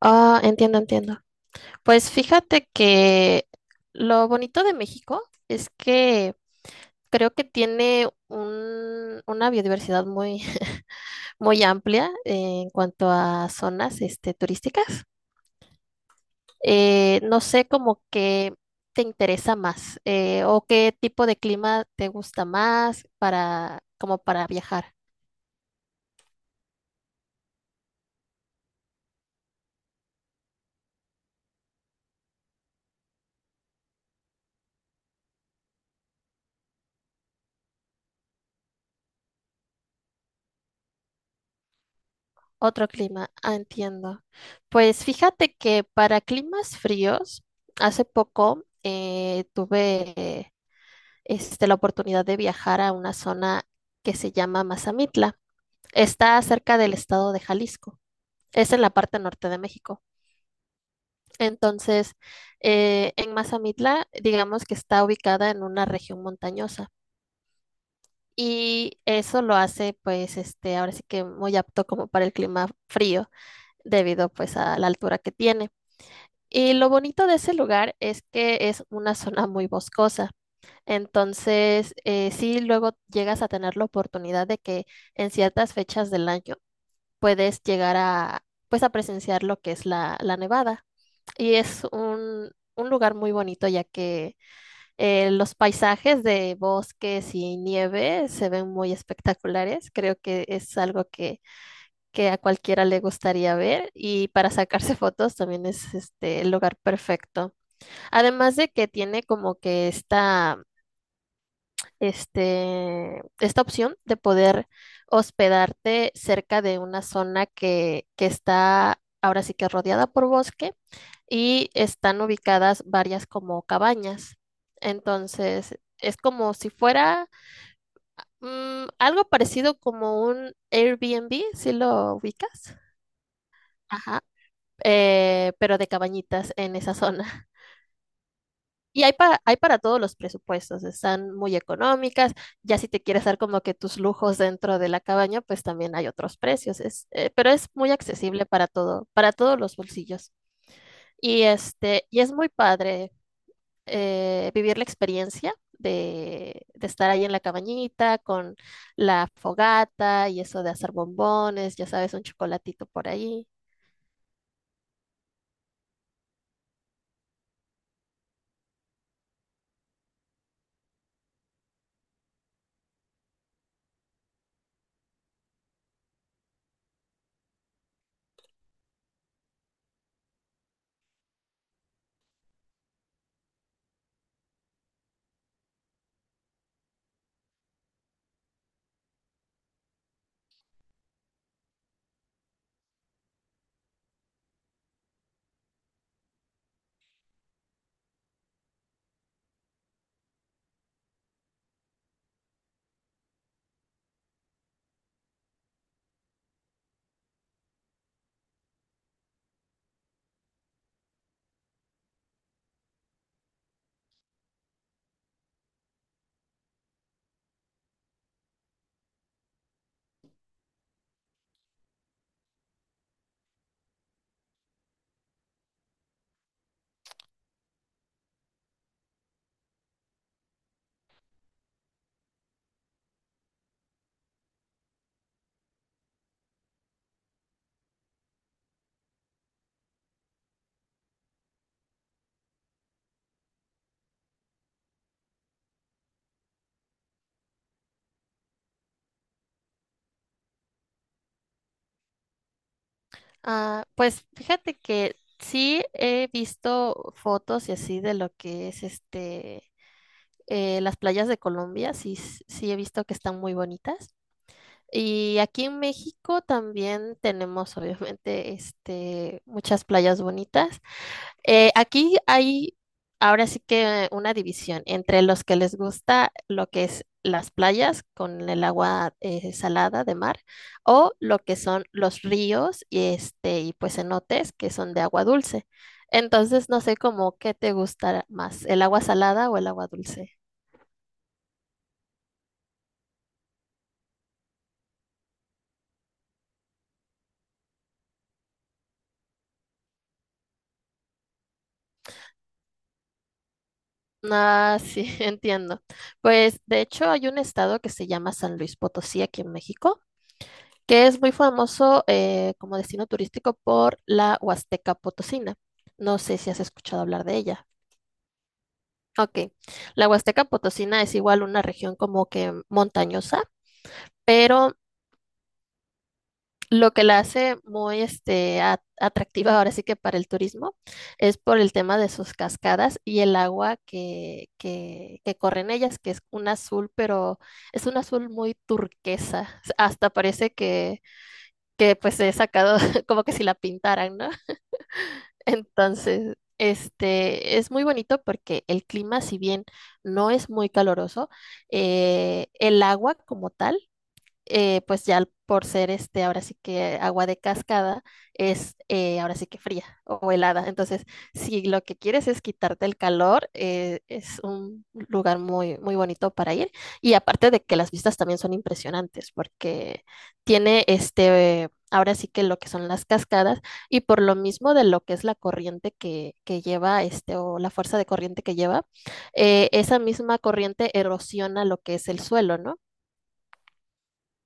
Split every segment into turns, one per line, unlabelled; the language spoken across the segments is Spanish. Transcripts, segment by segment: Ah, entiendo, entiendo. Pues fíjate que lo bonito de México es que creo que tiene una biodiversidad muy, muy amplia en cuanto a zonas, turísticas. No sé como que te interesa más o qué tipo de clima te gusta más para, como para viajar. Otro clima, ah, entiendo. Pues fíjate que para climas fríos, hace poco tuve la oportunidad de viajar a una zona que se llama Mazamitla. Está cerca del estado de Jalisco. Es en la parte norte de México. Entonces, en Mazamitla, digamos que está ubicada en una región montañosa. Y eso lo hace, pues, ahora sí que muy apto como para el clima frío, debido pues a la altura que tiene. Y lo bonito de ese lugar es que es una zona muy boscosa. Entonces, sí, luego llegas a tener la oportunidad de que en ciertas fechas del año puedes llegar a, pues, a presenciar lo que es la nevada. Y es un, un lugar muy bonito ya que los paisajes de bosques y nieve se ven muy espectaculares. Creo que es algo que a cualquiera le gustaría ver y para sacarse fotos también es el lugar perfecto. Además de que tiene como que esta opción de poder hospedarte cerca de una zona que está ahora sí que rodeada por bosque y están ubicadas varias como cabañas. Entonces, es como si fuera algo parecido como un Airbnb, si lo ubicas. Ajá. Pero de cabañitas en esa zona. Y hay para todos los presupuestos, están muy económicas, ya si te quieres dar como que tus lujos dentro de la cabaña, pues también hay otros precios, pero es muy accesible para para todos los bolsillos. Y y es muy padre vivir la experiencia de estar ahí en la cabañita con la fogata y eso de hacer bombones, ya sabes, un chocolatito por ahí. Ah, pues fíjate que sí he visto fotos y así de lo que es las playas de Colombia, sí, sí he visto que están muy bonitas. Y aquí en México también tenemos, obviamente, muchas playas bonitas. Aquí hay ahora sí que una división entre los que les gusta lo que es las playas con el agua salada de mar o lo que son los ríos y y pues cenotes que son de agua dulce. Entonces no sé cómo qué te gustará más, el agua salada o el agua dulce. Ah, sí, entiendo. Pues de hecho hay un estado que se llama San Luis Potosí aquí en México, que es muy famoso como destino turístico por la Huasteca Potosina. No sé si has escuchado hablar de ella. Ok, la Huasteca Potosina es igual una región como que montañosa, pero lo que la hace muy atractiva ahora sí que para el turismo es por el tema de sus cascadas y el agua que corre en ellas, que es un azul, pero es un azul muy turquesa. Hasta parece que pues se sacado como que si la pintaran, ¿no? Entonces, es muy bonito porque el clima, si bien no es muy caloroso, el agua como tal pues ya por ser ahora sí que agua de cascada, es ahora sí que fría o helada. Entonces, si lo que quieres es quitarte el calor, es un lugar muy, muy bonito para ir. Y aparte de que las vistas también son impresionantes, porque tiene ahora sí que lo que son las cascadas, y por lo mismo de lo que es la corriente que lleva, este, o la fuerza de corriente que lleva, esa misma corriente erosiona lo que es el suelo, ¿no?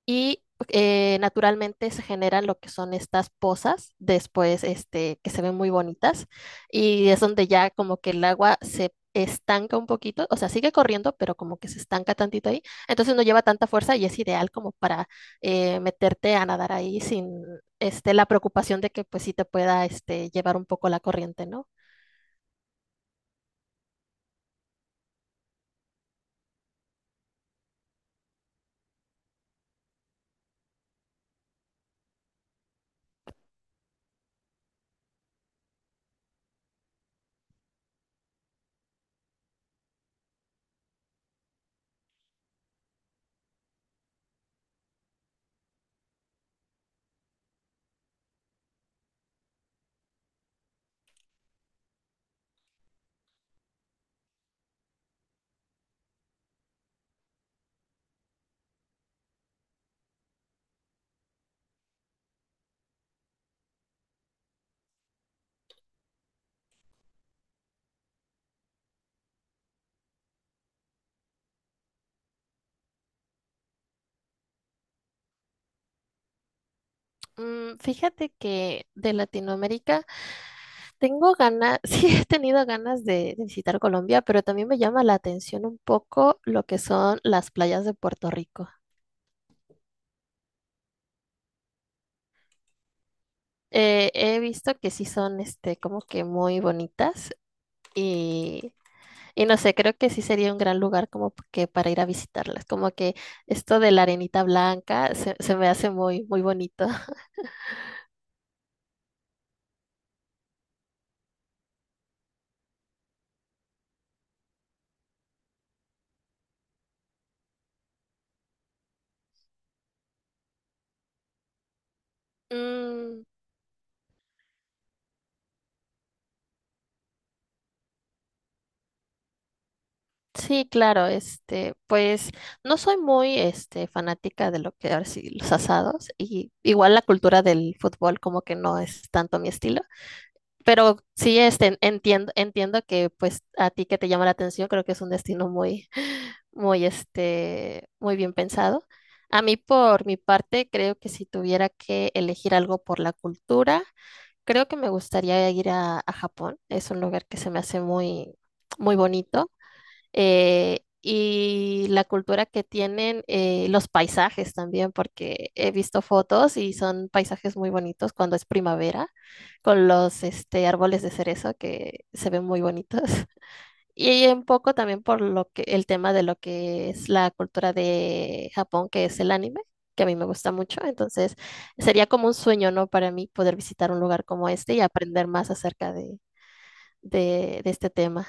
Y naturalmente se generan lo que son estas pozas después, que se ven muy bonitas y es donde ya como que el agua se estanca un poquito, o sea, sigue corriendo, pero como que se estanca tantito ahí, entonces no lleva tanta fuerza y es ideal como para meterte a nadar ahí sin la preocupación de que pues sí te pueda llevar un poco la corriente, ¿no? Mm, fíjate que de Latinoamérica tengo ganas, sí he tenido ganas de visitar Colombia, pero también me llama la atención un poco lo que son las playas de Puerto Rico. He visto que sí son, como que muy bonitas y, y no sé, creo que sí sería un gran lugar como que para ir a visitarlas. Como que esto de la arenita blanca se me hace muy, muy bonito. Mm, sí, claro, pues no soy muy, fanática de lo que ahora sí, los asados y igual la cultura del fútbol como que no es tanto mi estilo, pero sí, entiendo, entiendo que pues a ti que te llama la atención creo que es un destino muy, muy, muy bien pensado. A mí por mi parte creo que si tuviera que elegir algo por la cultura, creo que me gustaría ir a Japón. Es un lugar que se me hace muy, muy bonito y la cultura que tienen, los paisajes también, porque he visto fotos y son paisajes muy bonitos cuando es primavera, con los árboles de cerezo que se ven muy bonitos. Y un poco también por lo que el tema de lo que es la cultura de Japón, que es el anime, que a mí me gusta mucho. Entonces, sería como un sueño, ¿no? Para mí poder visitar un lugar como este y aprender más acerca de este tema.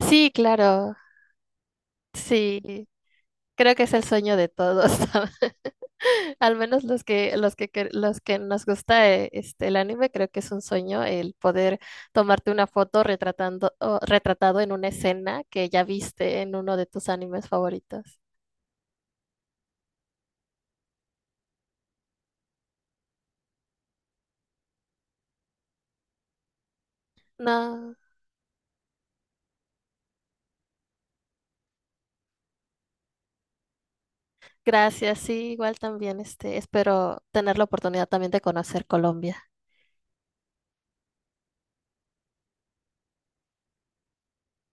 Sí, claro. Sí. Creo que es el sueño de todos, al menos los que nos gusta el anime, creo que es un sueño el poder tomarte una foto retratando, o retratado en una escena que ya viste en uno de tus animes favoritos. No, gracias, sí, igual también, espero tener la oportunidad también de conocer Colombia.